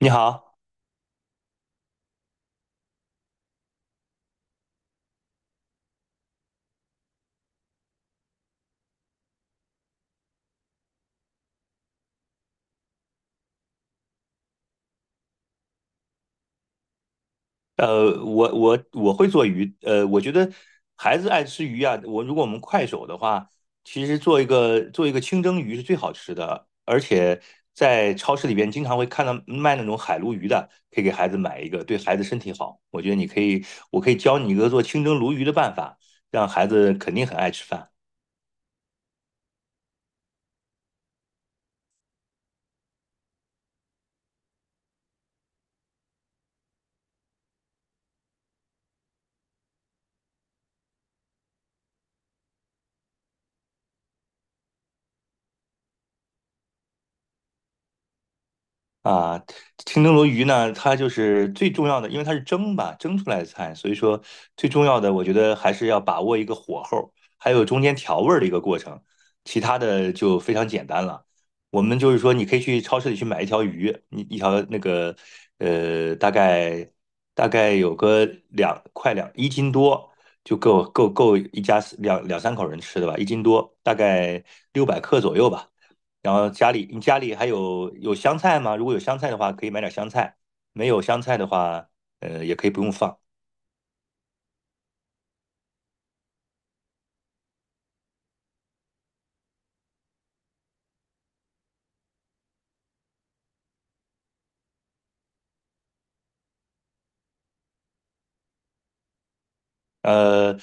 你好。我会做鱼，我觉得孩子爱吃鱼啊，如果我们快手的话，其实做一个清蒸鱼是最好吃的，而且在超市里边经常会看到卖那种海鲈鱼的，可以给孩子买一个，对孩子身体好。我觉得你可以，我可以教你一个做清蒸鲈鱼的办法，让孩子肯定很爱吃饭。啊，清蒸鲈鱼呢，它就是最重要的，因为它是蒸吧，蒸出来的菜，所以说最重要的，我觉得还是要把握一个火候，还有中间调味儿的一个过程，其他的就非常简单了。我们就是说，你可以去超市里去买一条鱼，你一条那个呃，大概大概有个两块两一斤多，就够一家两三口人吃的吧，一斤多，大概600克左右吧。然后你家里还有香菜吗？如果有香菜的话，可以买点香菜；没有香菜的话，也可以不用放。呃，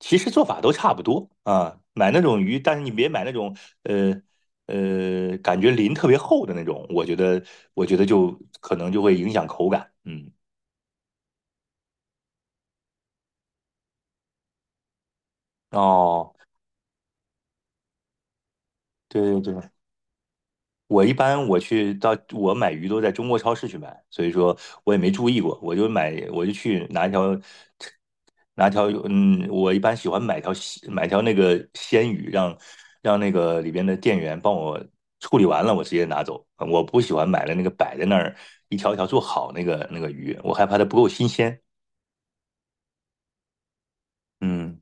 其实做法都差不多啊。买那种鱼，但是你别买那种呃感觉鳞特别厚的那种，我觉得可能会影响口感。嗯。哦。对对对，我一般我去到我买鱼都在中国超市去买，所以说我也没注意过，我就去拿一条我一般喜欢买条那个鲜鱼，让那个里边的店员帮我处理完了，我直接拿走。嗯我不喜欢买了那个摆在那儿一条做好那个鱼，我害怕它不够新鲜。嗯。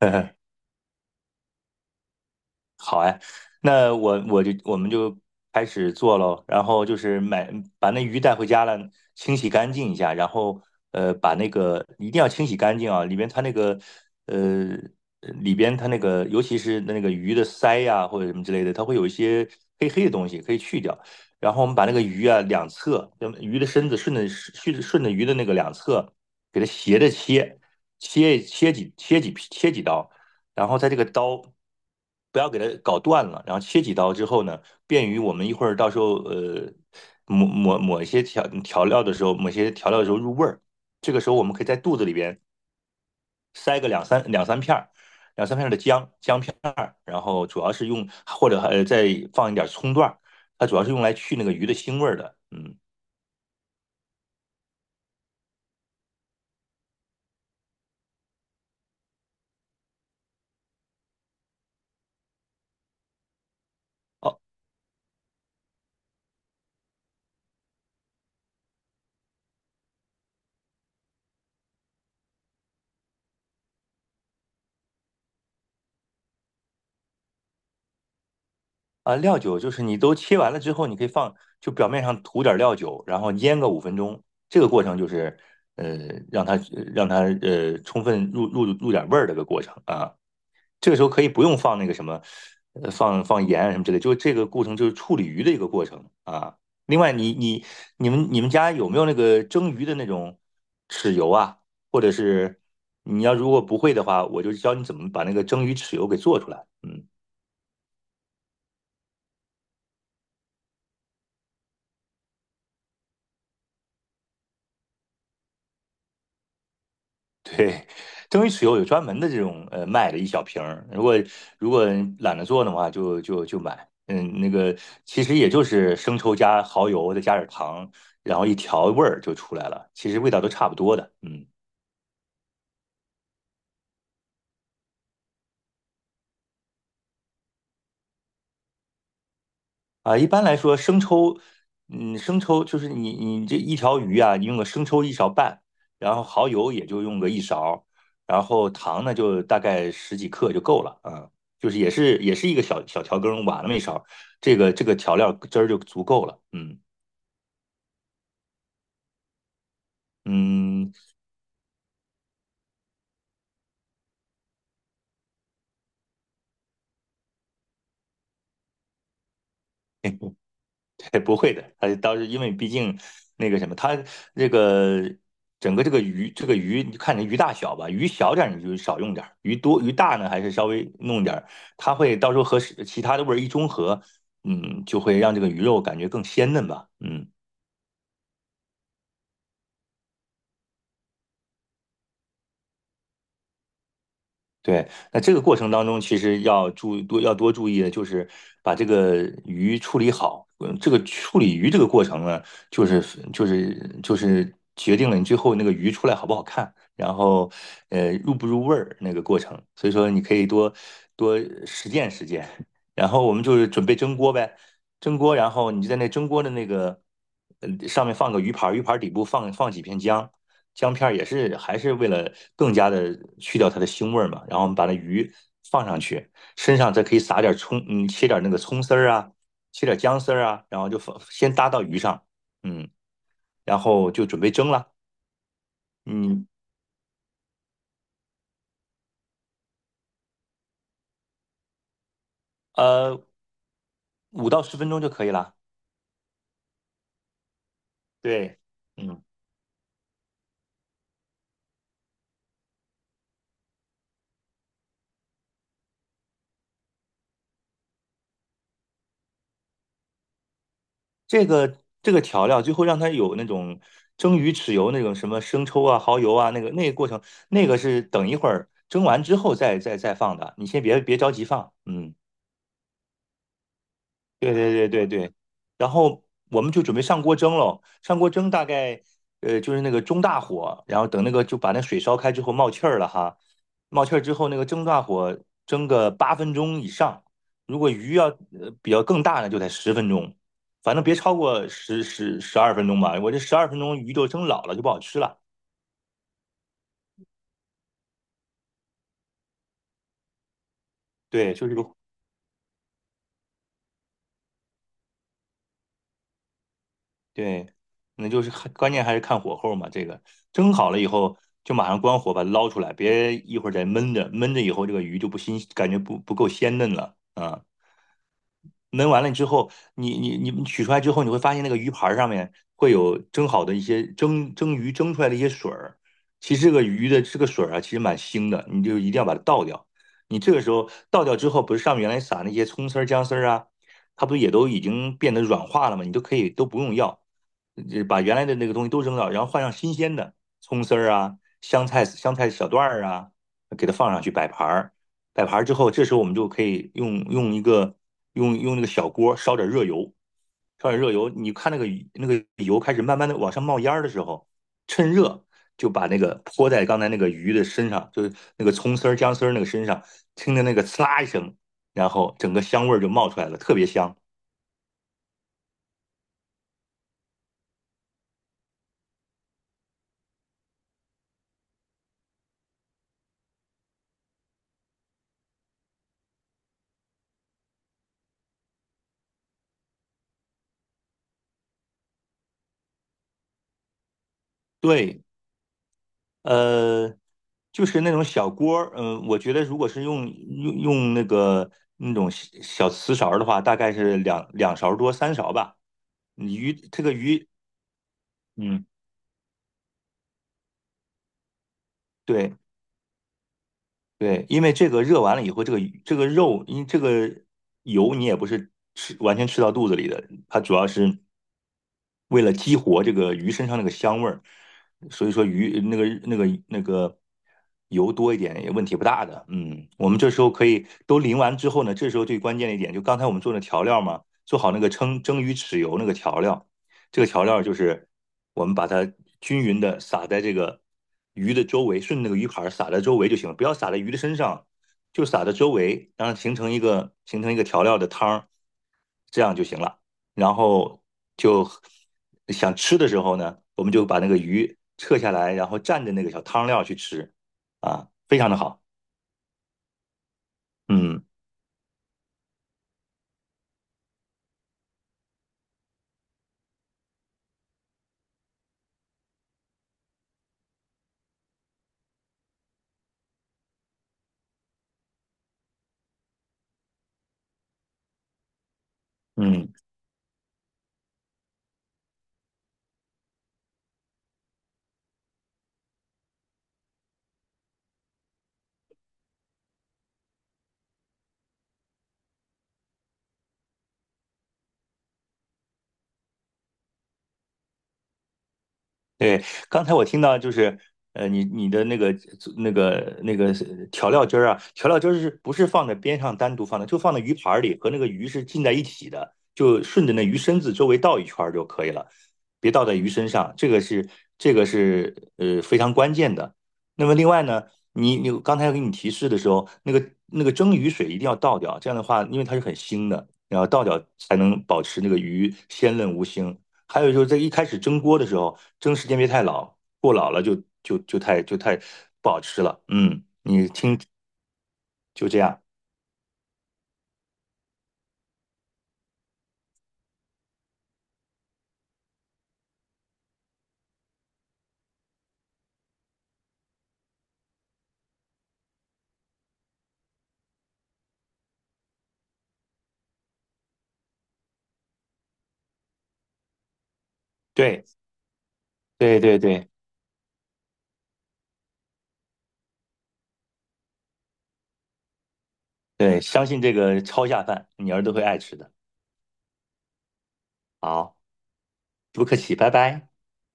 好哎，那我们就开始做喽，然后就是买把那鱼带回家了，清洗干净一下，然后把那个一定要清洗干净啊，里边它那个呃里边它那个尤其是那个鱼的鳃呀、或者什么之类的，它会有一些黑黑的东西可以去掉，然后我们把那个鱼啊两侧，那鱼的身子顺着鱼的那个两侧给它斜着切，切几刀。然后它这个刀不要给它搞断了，然后切几刀之后呢，便于我们一会儿到时候抹一些调料的时候，抹一些调料的时候入味儿。这个时候我们可以在肚子里边塞个两三片儿，两三片儿的姜片儿，然后主要是用或者再放一点葱段儿，它主要是用来去那个鱼的腥味儿的。嗯。哦啊，料酒就是你都切完了之后，你可以放，就表面上涂点料酒，然后腌个5分钟。这个过程就是，呃，让它充分入点味儿的一个过程啊。这个时候可以不用放那个什么，放盐啊什么之类，就这个过程就是处理鱼的一个过程啊。另外你们家有没有那个蒸鱼的那种豉油啊？或者是你要如果不会的话，我就教你怎么把那个蒸鱼豉油给做出来。嗯。对，蒸鱼豉油有专门的这种卖的一小瓶儿，如果懒得做的话，就买。嗯，那个其实也就是生抽加蚝油，再加点糖，然后一调味儿就出来了，其实味道都差不多的。嗯。啊，一般来说，生抽，嗯，生抽就是你这一条鱼啊，你用个生抽1勺半，然后蚝油也就用个一勺，然后糖呢就大概十几克就够了啊，也是一个小小调羹，挖那么一勺，这个调料汁儿就足够了。嗯嗯。对不会的，他当时因为毕竟那个什么，他这个整个这个鱼，这个鱼你看你鱼大小吧，鱼小点儿你就少用点儿，鱼多鱼大呢还是稍微弄点儿，它会到时候和其他的味儿一中和，嗯，就会让这个鱼肉感觉更鲜嫩吧。嗯。对，那这个过程当中，其实要多注意的就是把这个鱼处理好。嗯，这个处理鱼这个过程呢，就是就是决定了你最后那个鱼出来好不好看，然后入不入味儿那个过程。所以说你可以多多实践实践。然后我们就是准备蒸锅呗，蒸锅，然后你就在那蒸锅的那个上面放个鱼盘儿，鱼盘儿底部放几片姜，姜片儿也是还是为了更加的去掉它的腥味儿嘛。然后我们把那鱼放上去，身上再可以撒点葱，嗯，切点那个葱丝儿啊，切点姜丝儿啊，然后就放先搭到鱼上，嗯，然后就准备蒸了。嗯。呃，5到10分钟就可以了。对。嗯。这个调料最后让它有那种蒸鱼豉油那种什么生抽啊、蚝油啊，那个那个过程，那个是等一会儿蒸完之后再放的，你先别着急放。嗯。对对对对对，然后我们就准备上锅蒸喽。上锅蒸大概就是那个中大火，然后等那个就把那水烧开之后冒气儿了哈，冒气儿之后那个中大火蒸个8分钟以上。如果鱼要比较更大呢，就得十分钟，反正别超过十二分钟吧。我这十二分钟鱼就蒸老了就不好吃了。对，就是个对，那就是看关键还是看火候嘛。这个蒸好了以后，就马上关火把它捞出来，别一会儿再闷着，闷着以后这个鱼就不新，感觉不够鲜嫩了啊。焖完了之后，你取出来之后，你会发现那个鱼盘上面会有蒸好的一些蒸鱼蒸出来的一些水儿。其实这个鱼的这个水儿啊，其实蛮腥的，你就一定要把它倒掉。你这个时候倒掉之后，不是上面原来撒那些葱丝儿、姜丝儿啊，它不也都已经变得软化了吗？你都可以都不用要，把原来的那个东西都扔掉，然后换上新鲜的葱丝儿啊、香菜、香菜小段儿啊，给它放上去摆盘儿。摆盘之后，这时候我们就可以用那个小锅烧点热油，烧点热油。你看那个油开始慢慢的往上冒烟的时候，趁热就把那个泼在刚才那个鱼的身上，就是那个葱丝儿、姜丝儿那个身上，听着那个刺啦一声，然后整个香味儿就冒出来了，特别香。对，呃，就是那种小锅儿，嗯，我觉得如果是用那个那种小小瓷勺儿的话，大概是两勺多三勺吧。这个鱼，嗯，对，对，因为这个热完了以后，这个这个肉，因这个油你也不是吃完全吃到肚子里的，它主要是为了激活这个鱼身上那个香味儿，所以说鱼那个油多一点也问题不大的。嗯，我们这时候可以都淋完之后呢，这时候最关键的一点就刚才我们做的调料嘛，做好那个蒸鱼豉油那个调料，这个调料就是我们把它均匀的撒在这个鱼的周围，顺着那个鱼盘撒在周围就行了，不要撒在鱼的身上，就撒在周围，让它形成一个调料的汤儿，这样就行了。然后就想吃的时候呢，我们就把那个鱼撤下来，然后蘸着那个小汤料去吃，啊，非常的好。嗯嗯。对，刚才我听到就是，你的那个那个调料汁儿啊，调料汁儿是不是放在边上单独放的，就放在鱼盘儿里，和那个鱼是浸在一起的，就顺着那鱼身子周围倒一圈儿就可以了，别倒在鱼身上，这个是非常关键的。那么另外呢，你刚才给你提示的时候，那个蒸鱼水一定要倒掉，这样的话，因为它是很腥的，然后倒掉才能保持那个鱼鲜嫩无腥。还有就是在一开始蒸锅的时候，蒸时间别太老，过老了就太不好吃了。嗯，就这样。对对对对对，相信这个超下饭，你儿子会爱吃的。好，不客气，拜拜。